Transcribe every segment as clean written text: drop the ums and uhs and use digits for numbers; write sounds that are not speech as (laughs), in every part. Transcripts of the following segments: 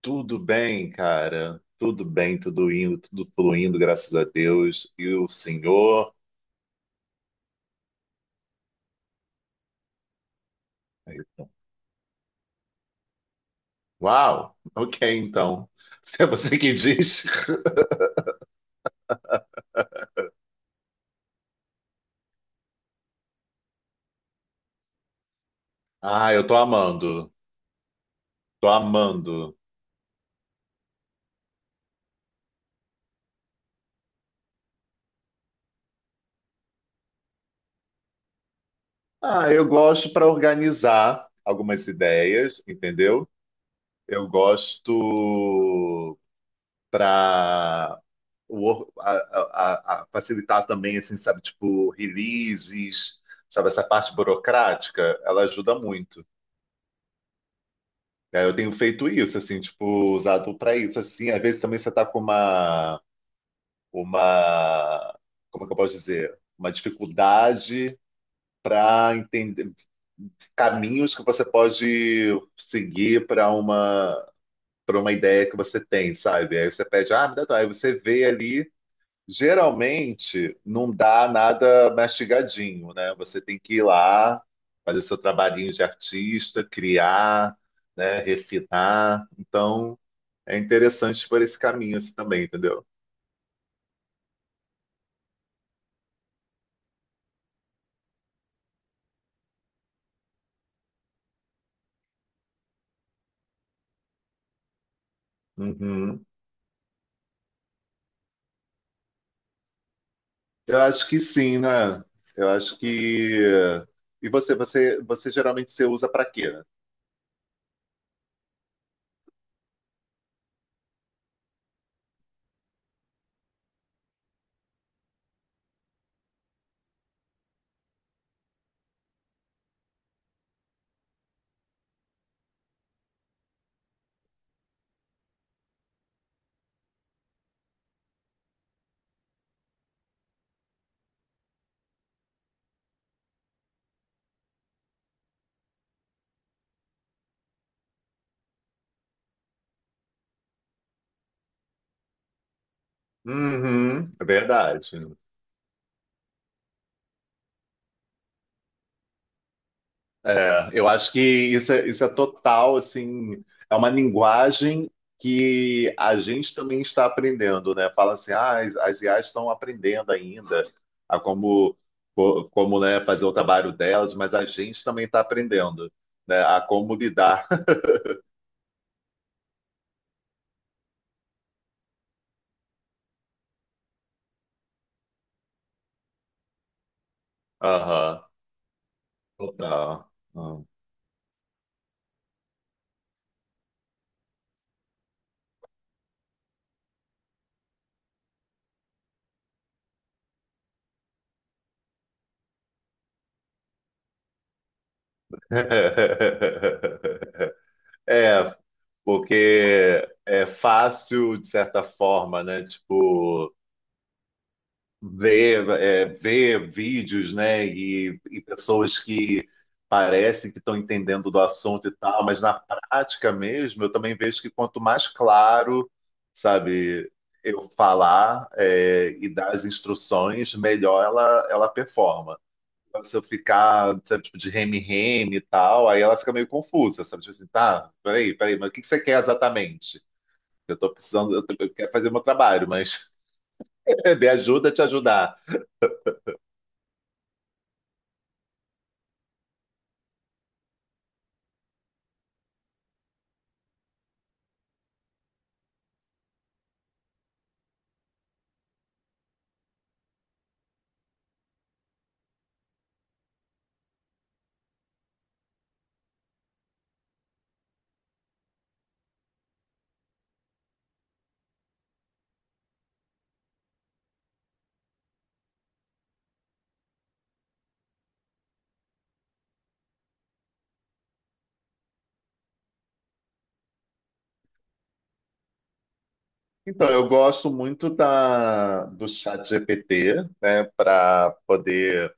Tudo bem, cara. Tudo bem, tudo indo, tudo fluindo, graças a Deus. E o Senhor? Uau! Ok, então. (laughs) Se é você que diz. (laughs) Ah, eu tô amando. Tô amando. Ah, eu gosto para organizar algumas ideias, entendeu? Eu gosto para facilitar também, assim, sabe, tipo, releases, sabe, essa parte burocrática, ela ajuda muito. Aí eu tenho feito isso, assim, tipo, usado para isso, assim. Às vezes também você tá com uma, como é que eu posso dizer? Uma dificuldade para entender caminhos que você pode seguir para uma ideia que você tem, sabe? Aí você pede, ah, me dá, tua. Aí você vê ali. Geralmente não dá nada mastigadinho, né? Você tem que ir lá, fazer seu trabalhinho de artista, criar, né? Refinar. Então. É interessante por esse caminho assim também, entendeu? Uhum. Eu acho que sim, né? Eu acho que. E você geralmente você usa para quê? Né? Uhum, é verdade. É, eu acho que isso é total, assim, é uma linguagem que a gente também está aprendendo, né? Fala assim, ah, as IAs estão aprendendo ainda a como, como, né, fazer o trabalho delas, mas a gente também está aprendendo, né, a como lidar. (laughs) Aham. Total. Hum. (laughs) É, porque é fácil, de certa forma, né? Tipo, ver, é, ver vídeos, né? E pessoas que parecem que estão entendendo do assunto e tal, mas na prática mesmo, eu também vejo que quanto mais claro, sabe, eu falar, é, e dar as instruções, melhor ela performa. Se eu ficar, sabe, tipo, de reme-reme e tal, aí ela fica meio confusa, sabe? Tipo assim, tá, peraí, peraí, mas o que que você quer exatamente? Eu tô precisando, eu quero fazer o meu trabalho, mas (laughs) de ajuda a te ajudar. Então, eu gosto muito da, do chat GPT, né, para poder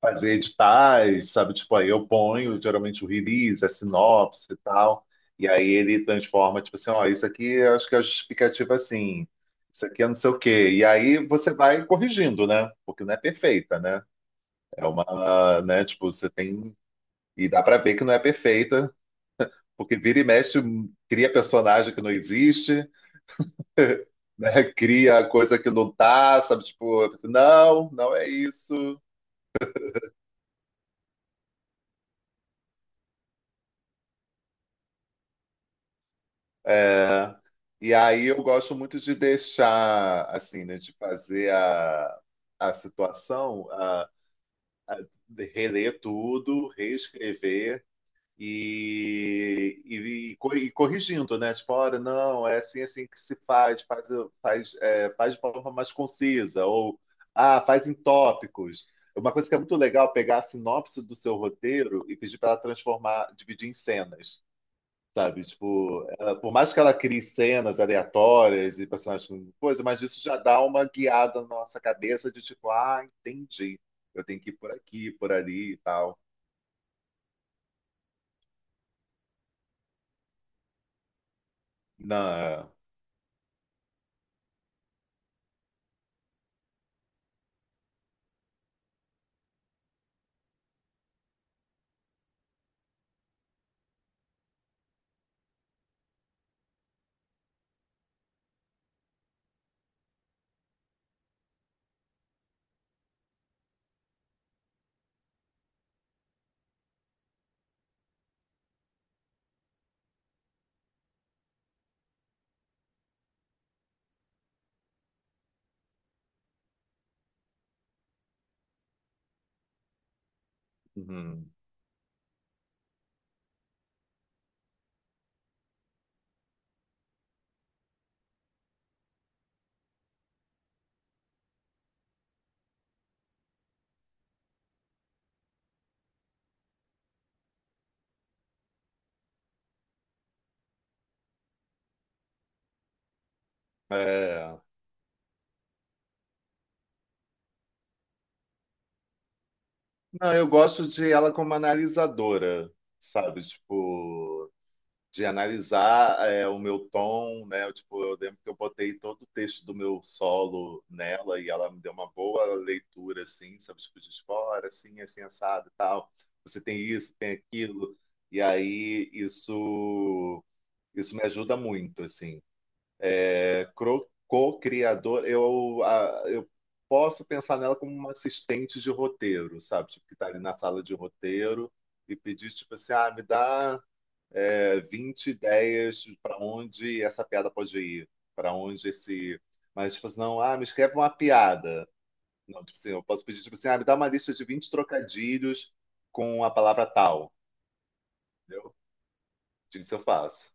fazer editais, sabe? Tipo, aí eu ponho geralmente o release, a sinopse e tal, e aí ele transforma, tipo assim, ó, isso aqui eu acho que é a justificativa assim, isso aqui é não sei o quê. E aí você vai corrigindo, né? Porque não é perfeita, né? É uma, né? Tipo, você tem. E dá pra ver que não é perfeita, porque vira e mexe, cria personagem que não existe, né? (laughs) Cria coisa que não tá, sabe? Tipo, não, não é isso. É, e aí eu gosto muito de deixar, assim, né, de fazer a, situação, a reler tudo, reescrever e corrigindo, né? Tipo, olha, não, é assim, assim que se faz, faz, faz, é, faz de forma mais concisa, ou, ah, faz em tópicos. Uma coisa que é muito legal é pegar a sinopse do seu roteiro e pedir para ela transformar, dividir em cenas. Sabe, tipo, por mais que ela crie cenas aleatórias e personagens com coisa, mas isso já dá uma guiada na nossa cabeça de tipo, ah, entendi. Eu tenho que ir por aqui, por ali e tal. Não, é. Uhum. É. Não, eu gosto de ela como analisadora, sabe? Tipo, de analisar é, o meu tom, né? Eu, tipo, eu lembro que eu botei todo o texto do meu solo nela e ela me deu uma boa leitura, assim, sabe? Tipo, de fora, assim, assim, assado e tal. Você tem isso, tem aquilo. E aí, isso me ajuda muito, assim. É, co-criador, eu posso pensar nela como uma assistente de roteiro, sabe? Tipo, que tá ali na sala de roteiro e pedir, tipo assim, ah, me dá é, 20 ideias para onde essa piada pode ir, para onde esse. Mas, tipo assim, não, ah, me escreve uma piada. Não, tipo assim, eu posso pedir, tipo assim, ah, me dá uma lista de 20 trocadilhos com a palavra tal, entendeu? Isso eu faço.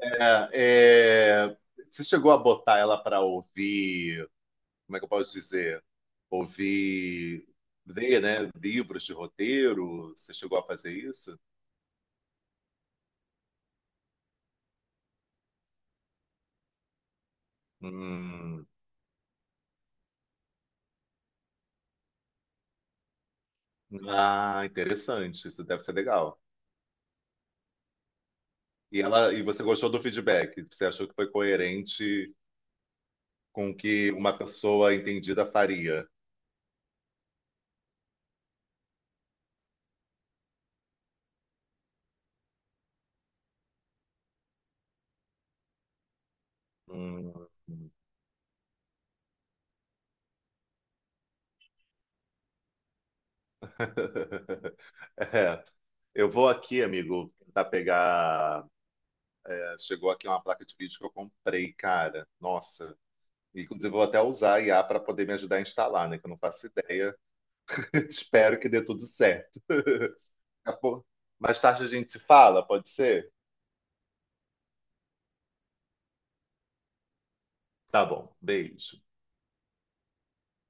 É. É. Você chegou a botar ela para ouvir, como é que eu posso dizer? Ouvir, ler, né? Livros de roteiro? Você chegou a fazer isso? Hum. Ah, interessante. Isso deve ser legal. E ela, e você gostou do feedback? Você achou que foi coerente com o que uma pessoa entendida faria? Hum. (laughs) É. Eu vou aqui, amigo, tentar pegar. Chegou aqui uma placa de vídeo que eu comprei, cara. Nossa. E, inclusive, vou até usar a IA para poder me ajudar a instalar, né? Que eu não faço ideia. (laughs) Espero que dê tudo certo. Tá bom? Mais tarde a gente se fala, pode ser? Tá bom. Beijo.